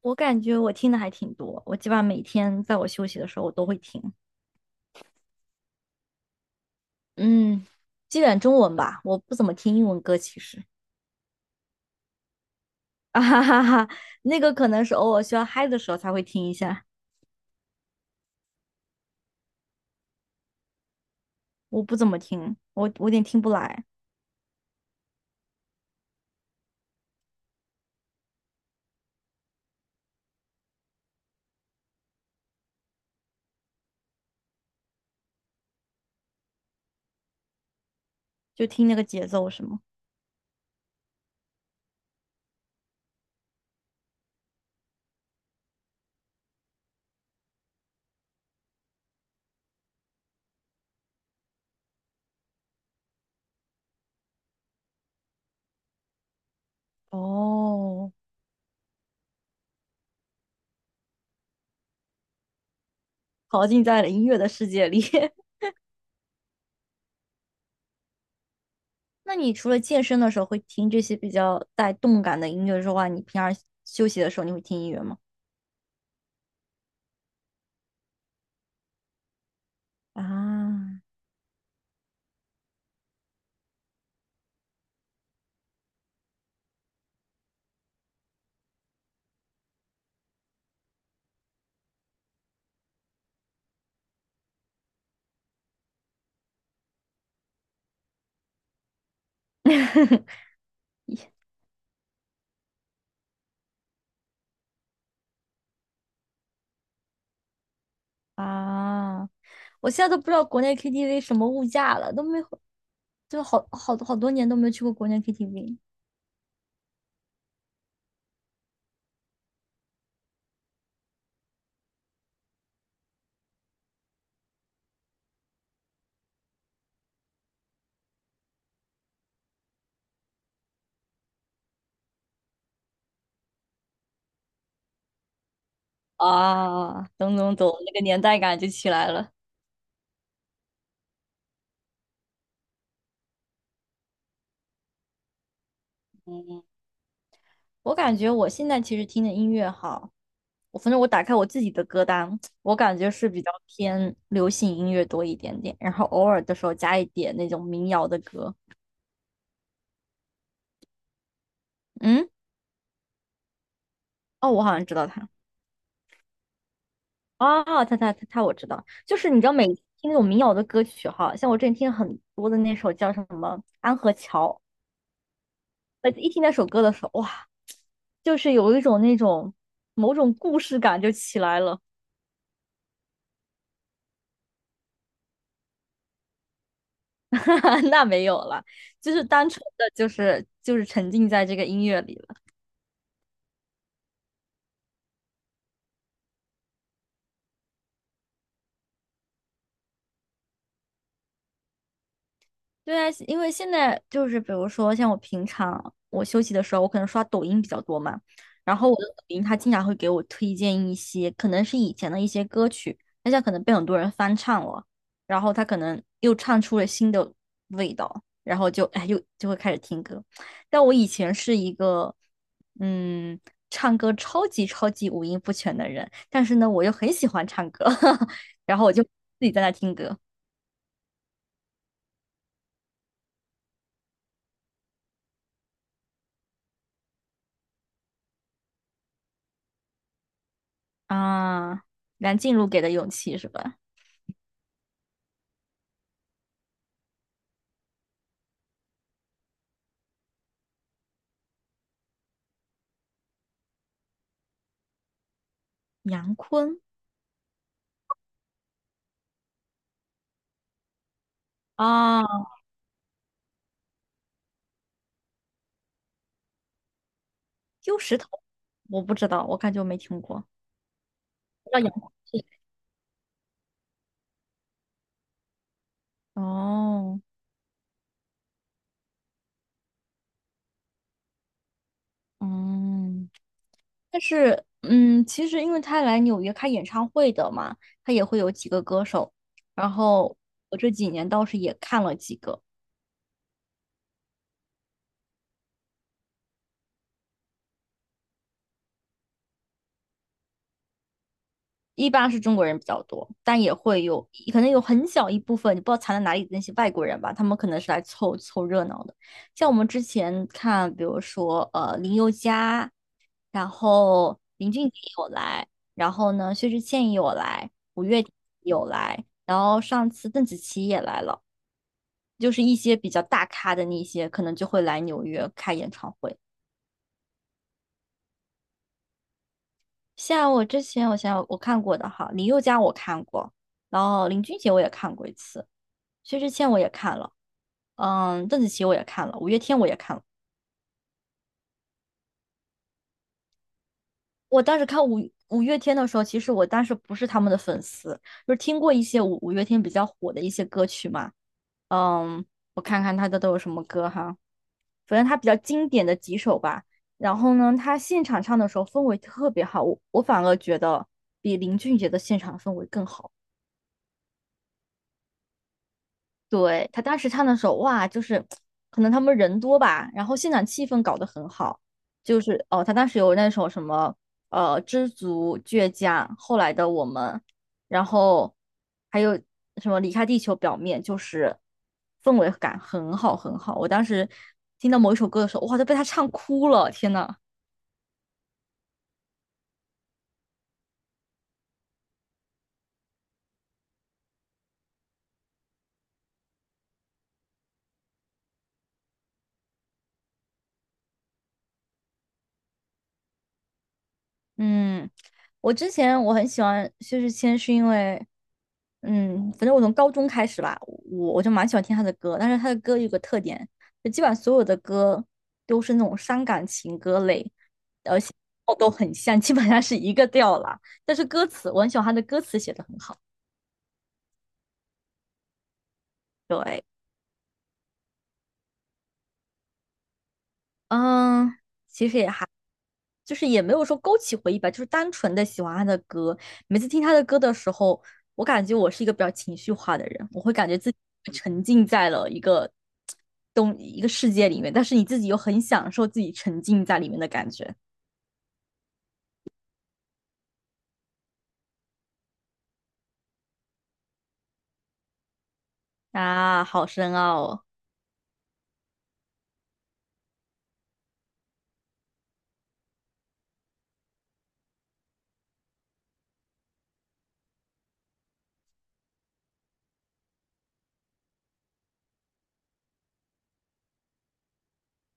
我感觉我听的还挺多，我基本上每天在我休息的时候我都会听，嗯，基本中文吧，我不怎么听英文歌，其实。啊哈哈哈，那个可能是偶尔需要嗨的时候才会听一下，我不怎么听，我有点听不来，就听那个节奏是吗？哦 陶浸在了音乐的世界里。那你除了健身的时候会听这些比较带动感的音乐之外，你平常休息的时候你会听音乐吗？啊，啊，我现在都不知道国内 KTV 什么物价了，都没回就好好多好多年都没去过国内 KTV。啊，懂懂懂，那个年代感就起来了。我感觉我现在其实听的音乐哈，我反正我打开我自己的歌单，我感觉是比较偏流行音乐多一点点，然后偶尔的时候加一点那种民谣的歌。嗯，哦，我好像知道他。哦，他，我知道，就是你知道，每次听那种民谣的歌曲哈，像我之前听很多的那首叫什么《安河桥》，一听那首歌的时候，哇，就是有一种那种某种故事感就起来了。那没有了，就是单纯的就是沉浸在这个音乐里了。对啊，因为现在就是比如说像我平常我休息的时候，我可能刷抖音比较多嘛，然后我的抖音它经常会给我推荐一些可能是以前的一些歌曲，但现在可能被很多人翻唱了，然后它可能又唱出了新的味道，然后就哎又就会开始听歌。但我以前是一个嗯唱歌超级超级五音不全的人，但是呢我又很喜欢唱歌，然后我就自己在那听歌。啊，梁静茹给的勇气是吧？杨坤啊，丢石头，我不知道，我感觉我没听过。叫杨坤是谁哦，嗯，但是其实因为他来纽约开演唱会的嘛，他也会有几个歌手，然后我这几年倒是也看了几个。一般是中国人比较多，但也会有，可能有很小一部分，你不知道藏在哪里的那些外国人吧，他们可能是来凑凑热闹的。像我们之前看，比如说林宥嘉，然后林俊杰有来，然后呢薛之谦也有来，五月天也有来，然后上次邓紫棋也来了，就是一些比较大咖的那些，可能就会来纽约开演唱会。像我之前，我想想我看过的哈，林宥嘉我看过，然后林俊杰我也看过一次。薛之谦我也看了，嗯，邓紫棋我也看了，五月天我也看了。我当时看五月天的时候，其实我当时不是他们的粉丝，就是听过一些五月天比较火的一些歌曲嘛。嗯，我看看他的都有什么歌哈，反正他比较经典的几首吧。然后呢，他现场唱的时候氛围特别好，我反而觉得比林俊杰的现场氛围更好。对，他当时唱的时候，哇，就是可能他们人多吧，然后现场气氛搞得很好，就是哦，他当时有那首什么《知足倔强》，后来的我们，然后还有什么离开地球表面，就是氛围感很好很好。我当时听到某一首歌的时候，哇，都被他唱哭了，天呐！嗯，我之前我很喜欢薛之谦，是因为，嗯，反正我从高中开始吧，我就蛮喜欢听他的歌，但是他的歌有个特点，就基本上所有的歌都是那种伤感情歌类，哦，都很像，基本上是一个调啦。但是歌词，我很喜欢他的歌词写的很好。对，嗯。就是也没有说勾起回忆吧，就是单纯的喜欢他的歌。每次听他的歌的时候，我感觉我是一个比较情绪化的人，我会感觉自己沉浸在了一个东一个世界里面，但是你自己又很享受自己沉浸在里面的感觉。啊，好深奥哦。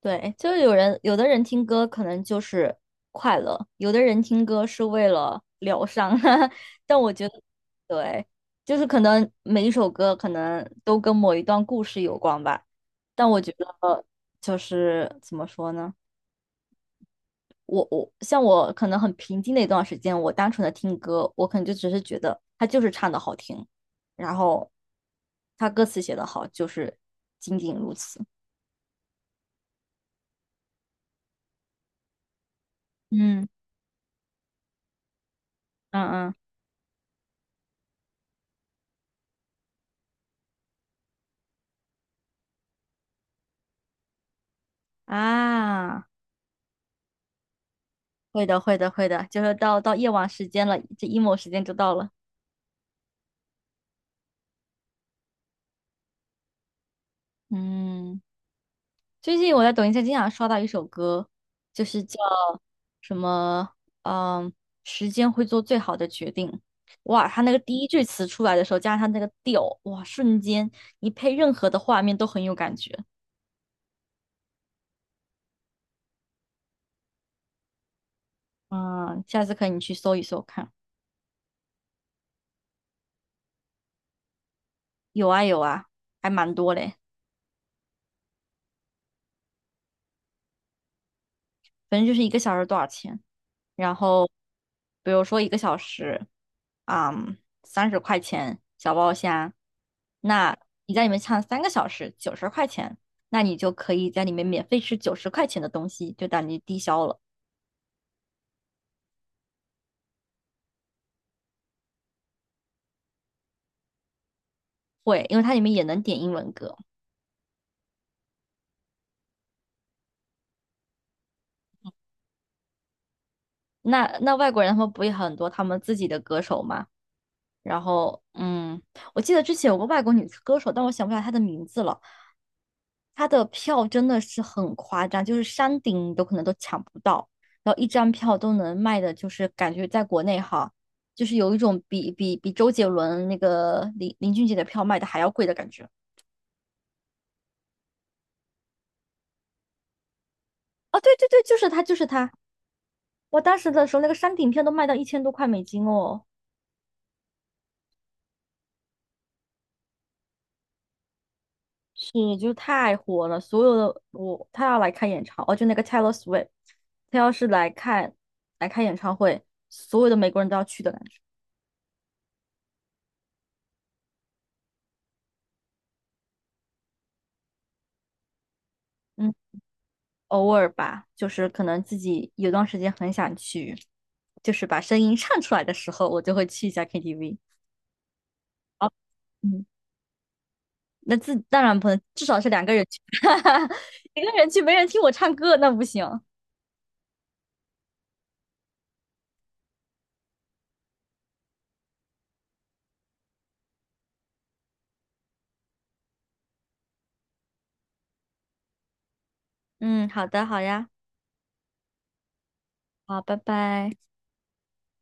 对，就是有人，有的人听歌可能就是快乐，有的人听歌是为了疗伤，但我觉得，对，就是可能每一首歌可能都跟某一段故事有关吧，但我觉得就是怎么说呢，像我可能很平静的一段时间，我单纯的听歌，我可能就只是觉得他就是唱的好听，然后他歌词写的好，就是仅仅如此。嗯嗯嗯啊。会的，会的，会的，就是到夜晚时间了，这 emo 时间就到了。嗯，最近我在抖音上经常刷到一首歌，就是叫什么，嗯，时间会做最好的决定。哇，他那个第一句词出来的时候，加上他那个调，哇，瞬间你配任何的画面都很有感觉。嗯，下次可以你去搜一搜看，有啊有啊，还蛮多嘞。反正就是一个小时多少钱。然后比如说一个小时，嗯，30块钱小包虾，那你在里面唱3个小时，九十块钱，那你就可以在里面免费吃九十块钱的东西，就等于低消了。会，因为它里面也能点英文歌。那外国人他们不也很多他们自己的歌手吗？然后，我记得之前有个外国女歌手，但我想不起来她的名字了。她的票真的是很夸张，就是山顶都可能都抢不到，然后一张票都能卖的，就是感觉在国内哈，就是有一种比周杰伦那个林俊杰的票卖的还要贵的感觉。哦，对对对，就是他，就是他。我当时的时候，那个山顶票都卖到1000多块美金哦。是，就是太火了，所有的我他要来开演唱，哦，就那个 Taylor Swift，他要是来开演唱会，所有的美国人都要去的感觉。嗯，偶尔吧，就是可能自己有段时间很想去，就是把声音唱出来的时候，我就会去一下 KTV。哦，嗯，那自当然不能，至少是2个人去，一个人去没人听我唱歌，那不行。嗯，好的，好呀，好，拜拜。